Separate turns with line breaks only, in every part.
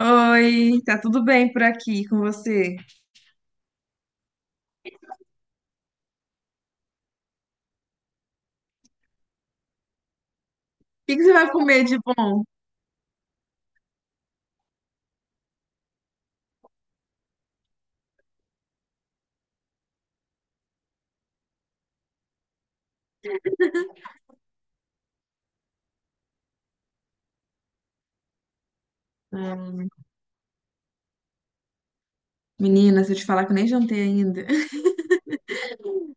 Oi, tá tudo bem por aqui com você? O que que você vai comer de bom? Hum, Menina, se eu te falar que eu nem jantei ainda.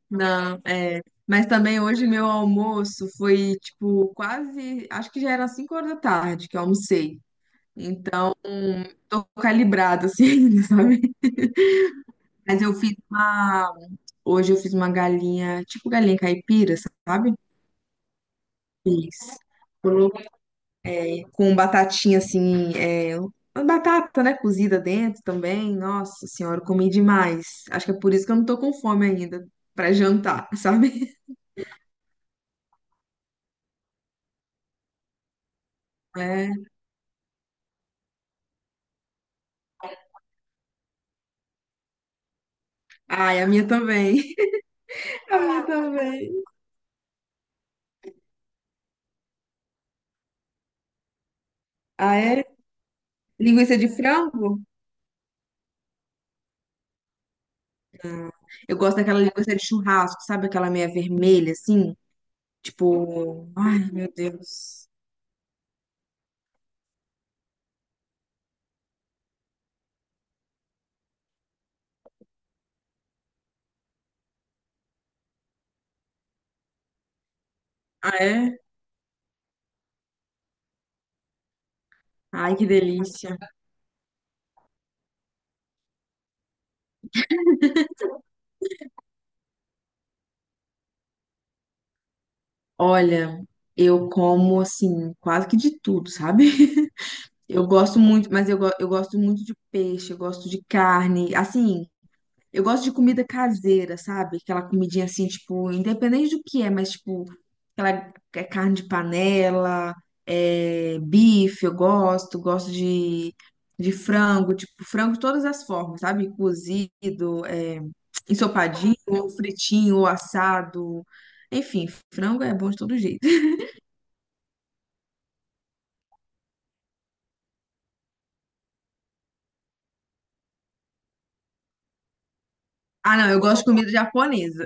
Não, é. Mas também hoje meu almoço foi tipo quase, acho que já era 5 horas da tarde que eu almocei. Então, tô calibrada assim, sabe? Mas eu fiz uma, Hoje eu fiz uma galinha, tipo galinha caipira, sabe? Fiz com batatinha assim, é, uma batata, né, cozida dentro também. Nossa senhora, eu comi demais. Acho que é por isso que eu não tô com fome ainda pra jantar, sabe? É. Ai, a minha também. A minha também. Ah, é? Linguiça de frango? Ah, eu gosto daquela linguiça de churrasco, sabe? Aquela meia vermelha, assim. Tipo, ai, meu Deus. Ah, é? Ai, que delícia. Olha, eu como, assim, quase que de tudo, sabe? Eu gosto muito, mas eu gosto muito de peixe, eu gosto de carne, assim, eu gosto de comida caseira, sabe? Aquela comidinha assim, tipo, independente do que é, mas tipo, aquela é carne de panela, é, bife, eu gosto, gosto de frango, tipo, frango de todas as formas, sabe? Cozido, é, ensopadinho, ou fritinho, ou assado, enfim, frango é bom de todo jeito. Ah, não, eu gosto de comida japonesa.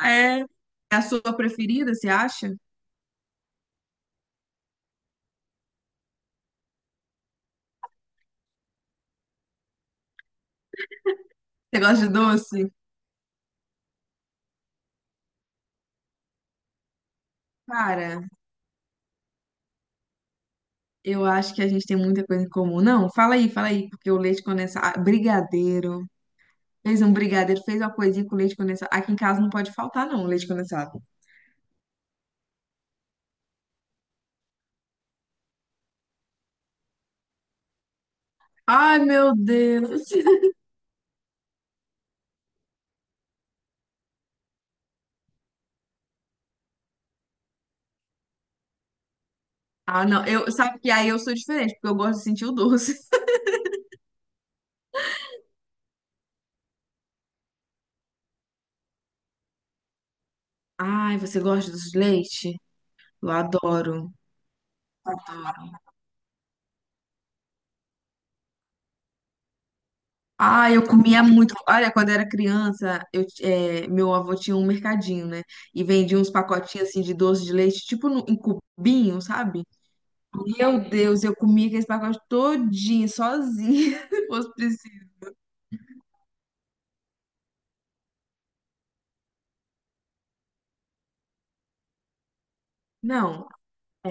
É, é a sua preferida, você acha? Você gosta de doce? Cara, eu acho que a gente tem muita coisa em comum. Não, fala aí, porque o leite condensado, ah, brigadeiro. Fez um brigadeiro, fez uma coisinha com leite condensado. Aqui em casa não pode faltar, não, leite condensado. Ai, meu Deus. Ah, não, sabe que aí eu sou diferente, porque eu gosto de sentir o doce. Ai, você gosta de doce de leite? Eu adoro. Ah, eu comia muito. Olha, quando eu era criança, meu avô tinha um mercadinho, né? E vendia uns pacotinhos assim de doce de leite, tipo em cubinho, sabe? Meu Deus, eu comia aqueles pacotes todinho, sozinha, se fosse preciso. Não, é,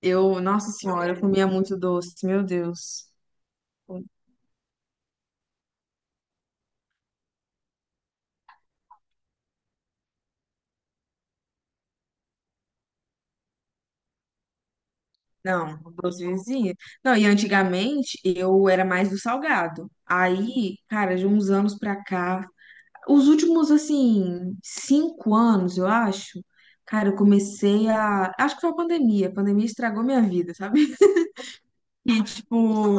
nossa senhora, eu comia muito doce, meu Deus. Não, doce vizinha. Não, e antigamente eu era mais do salgado. Aí, cara, de uns anos pra cá, os últimos, assim, 5 anos, eu acho, cara, eu comecei a. Acho que foi a pandemia. A pandemia estragou minha vida, sabe? E, tipo.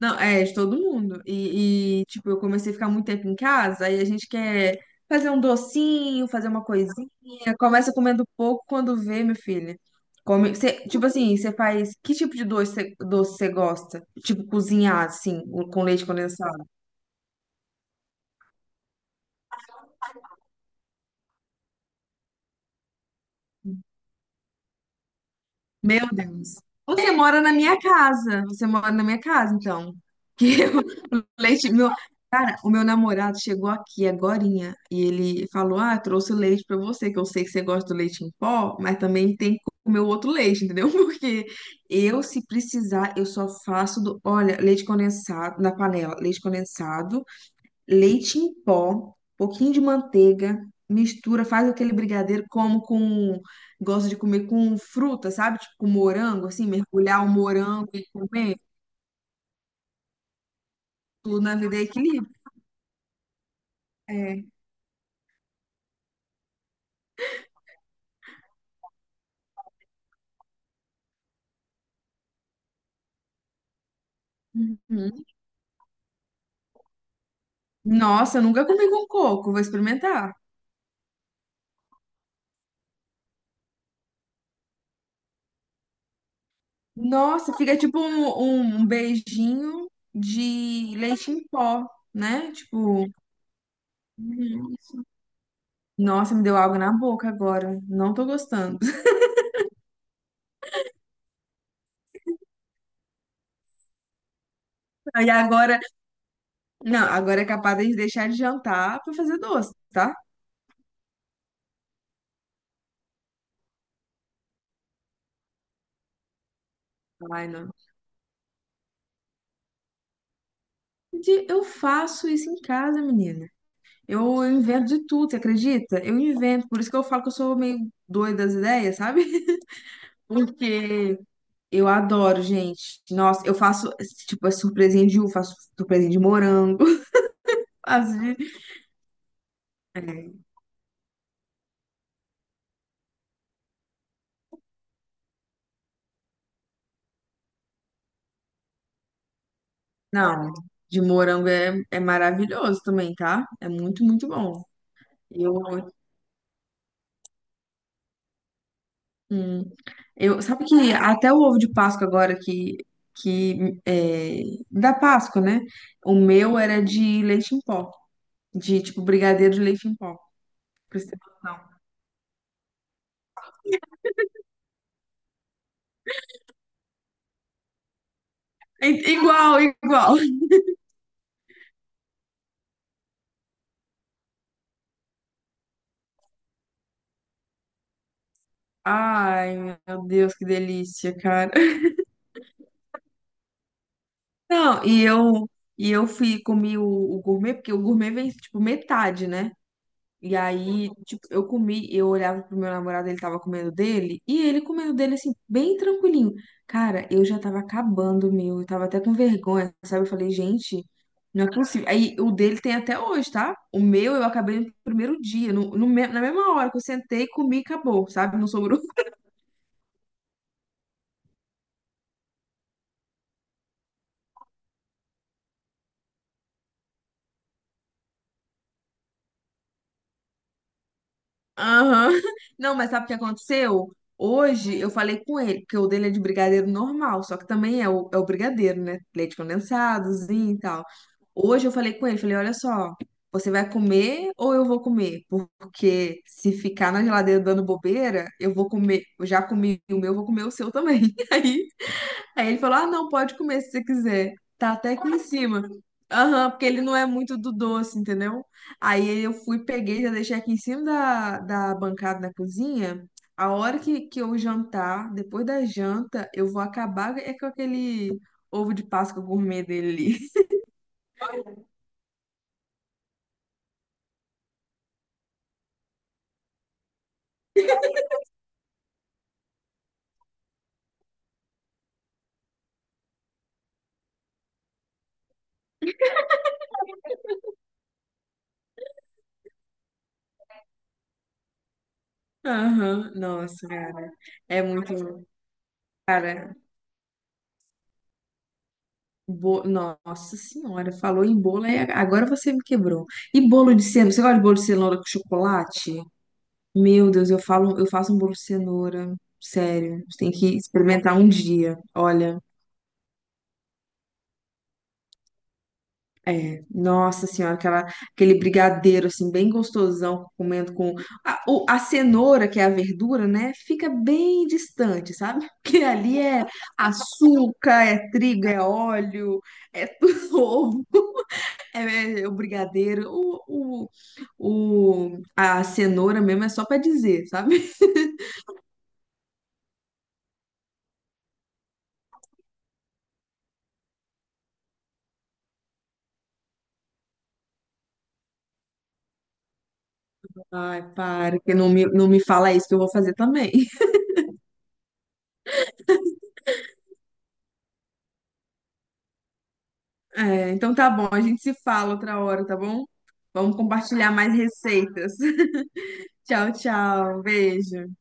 Não, é, de todo mundo. E, tipo, eu comecei a ficar muito tempo em casa, aí a gente quer fazer um docinho, fazer uma coisinha. Começa comendo pouco quando vê, meu filho. Tipo assim, você faz. Que tipo de doce você gosta? Tipo, cozinhar, assim, com leite condensado. Meu Deus. Você mora na minha casa. Você mora na minha casa, então. Que eu, o leite, meu, cara, o meu namorado chegou aqui agorinha e ele falou: "Ah, trouxe o leite pra você, que eu sei que você gosta do leite em pó, mas também tem que comer o outro leite, entendeu? Porque eu, se precisar, eu só faço do, olha, leite condensado na panela, leite condensado leite em pó, pouquinho de manteiga, mistura, faz aquele brigadeiro, gosto de comer com fruta, sabe? Tipo com morango, assim, mergulhar o morango e comer. Tudo na vida é equilíbrio. É. Uhum. Nossa, eu nunca comi com coco, vou experimentar. Nossa, fica tipo um beijinho de leite em pó, né? Tipo, Uhum. Nossa, me deu água na boca agora. Não tô gostando. E agora Não, agora é capaz de deixar de jantar pra fazer doce, tá? Ai, não. Eu faço isso em casa, menina. Eu invento de tudo, você acredita? Eu invento, por isso que eu falo que eu sou meio doida das ideias, sabe? Porque eu adoro, gente. Nossa, eu faço, tipo, é surpresinha de uva, faço surpresinha de morango. Faço de... É, não, de morango é maravilhoso também, tá? É muito, muito bom. Eu Hum. Sabe que até o ovo de Páscoa agora que é, da Páscoa, né? O meu era de leite em pó, de tipo brigadeiro de leite em pó, pra você ter noção. Igual, igual. Ai, meu Deus, que delícia, cara. Não, e eu fui comi o gourmet, porque o gourmet vem tipo metade, né? E aí, tipo, eu comi, eu olhava pro meu namorado, ele tava comendo dele, e ele comendo dele, assim, bem tranquilinho. Cara, eu já tava acabando o meu, eu tava até com vergonha, sabe? Eu falei, gente, não é possível. Aí, o dele tem até hoje, tá? O meu eu acabei no primeiro dia, no, no me- na mesma hora que eu sentei, comi e acabou, sabe? Não sobrou. Aham. Não, mas sabe o que aconteceu? Hoje eu falei com ele, porque o dele é de brigadeiro normal, só que também é o brigadeiro, né? Leite condensadozinho e tal. Hoje eu falei com ele, falei, olha só, você vai comer ou eu vou comer? Porque se ficar na geladeira dando bobeira, eu vou comer, eu já comi o meu, eu vou comer o seu também. Aí ele falou: "Ah, não, pode comer se você quiser. Tá até aqui em cima." Aham, porque ele não é muito do doce, entendeu? Aí eu fui, peguei, já deixei aqui em cima da bancada da cozinha. A hora que eu jantar, depois da janta, eu vou acabar é com aquele ovo de Páscoa gourmet dele ali. Aham, nossa, cara. É muito. Cara, nossa senhora, falou em bolo, aí agora você me quebrou. E bolo de cenoura? Você gosta de bolo de cenoura com chocolate? Meu Deus, eu falo, eu faço um bolo de cenoura, sério. Você tem que experimentar um dia. Olha, é, nossa senhora, aquele brigadeiro assim bem gostosão, comendo com a cenoura, que é a verdura, né? Fica bem distante, sabe? Porque ali é açúcar, é trigo, é óleo, é tudo ovo. É, é o brigadeiro, a cenoura mesmo é só pra dizer, sabe? Ai, para que não me fala isso que eu vou fazer também. É, então tá bom, a gente se fala outra hora, tá bom? Vamos compartilhar mais receitas. Tchau, tchau. Beijo.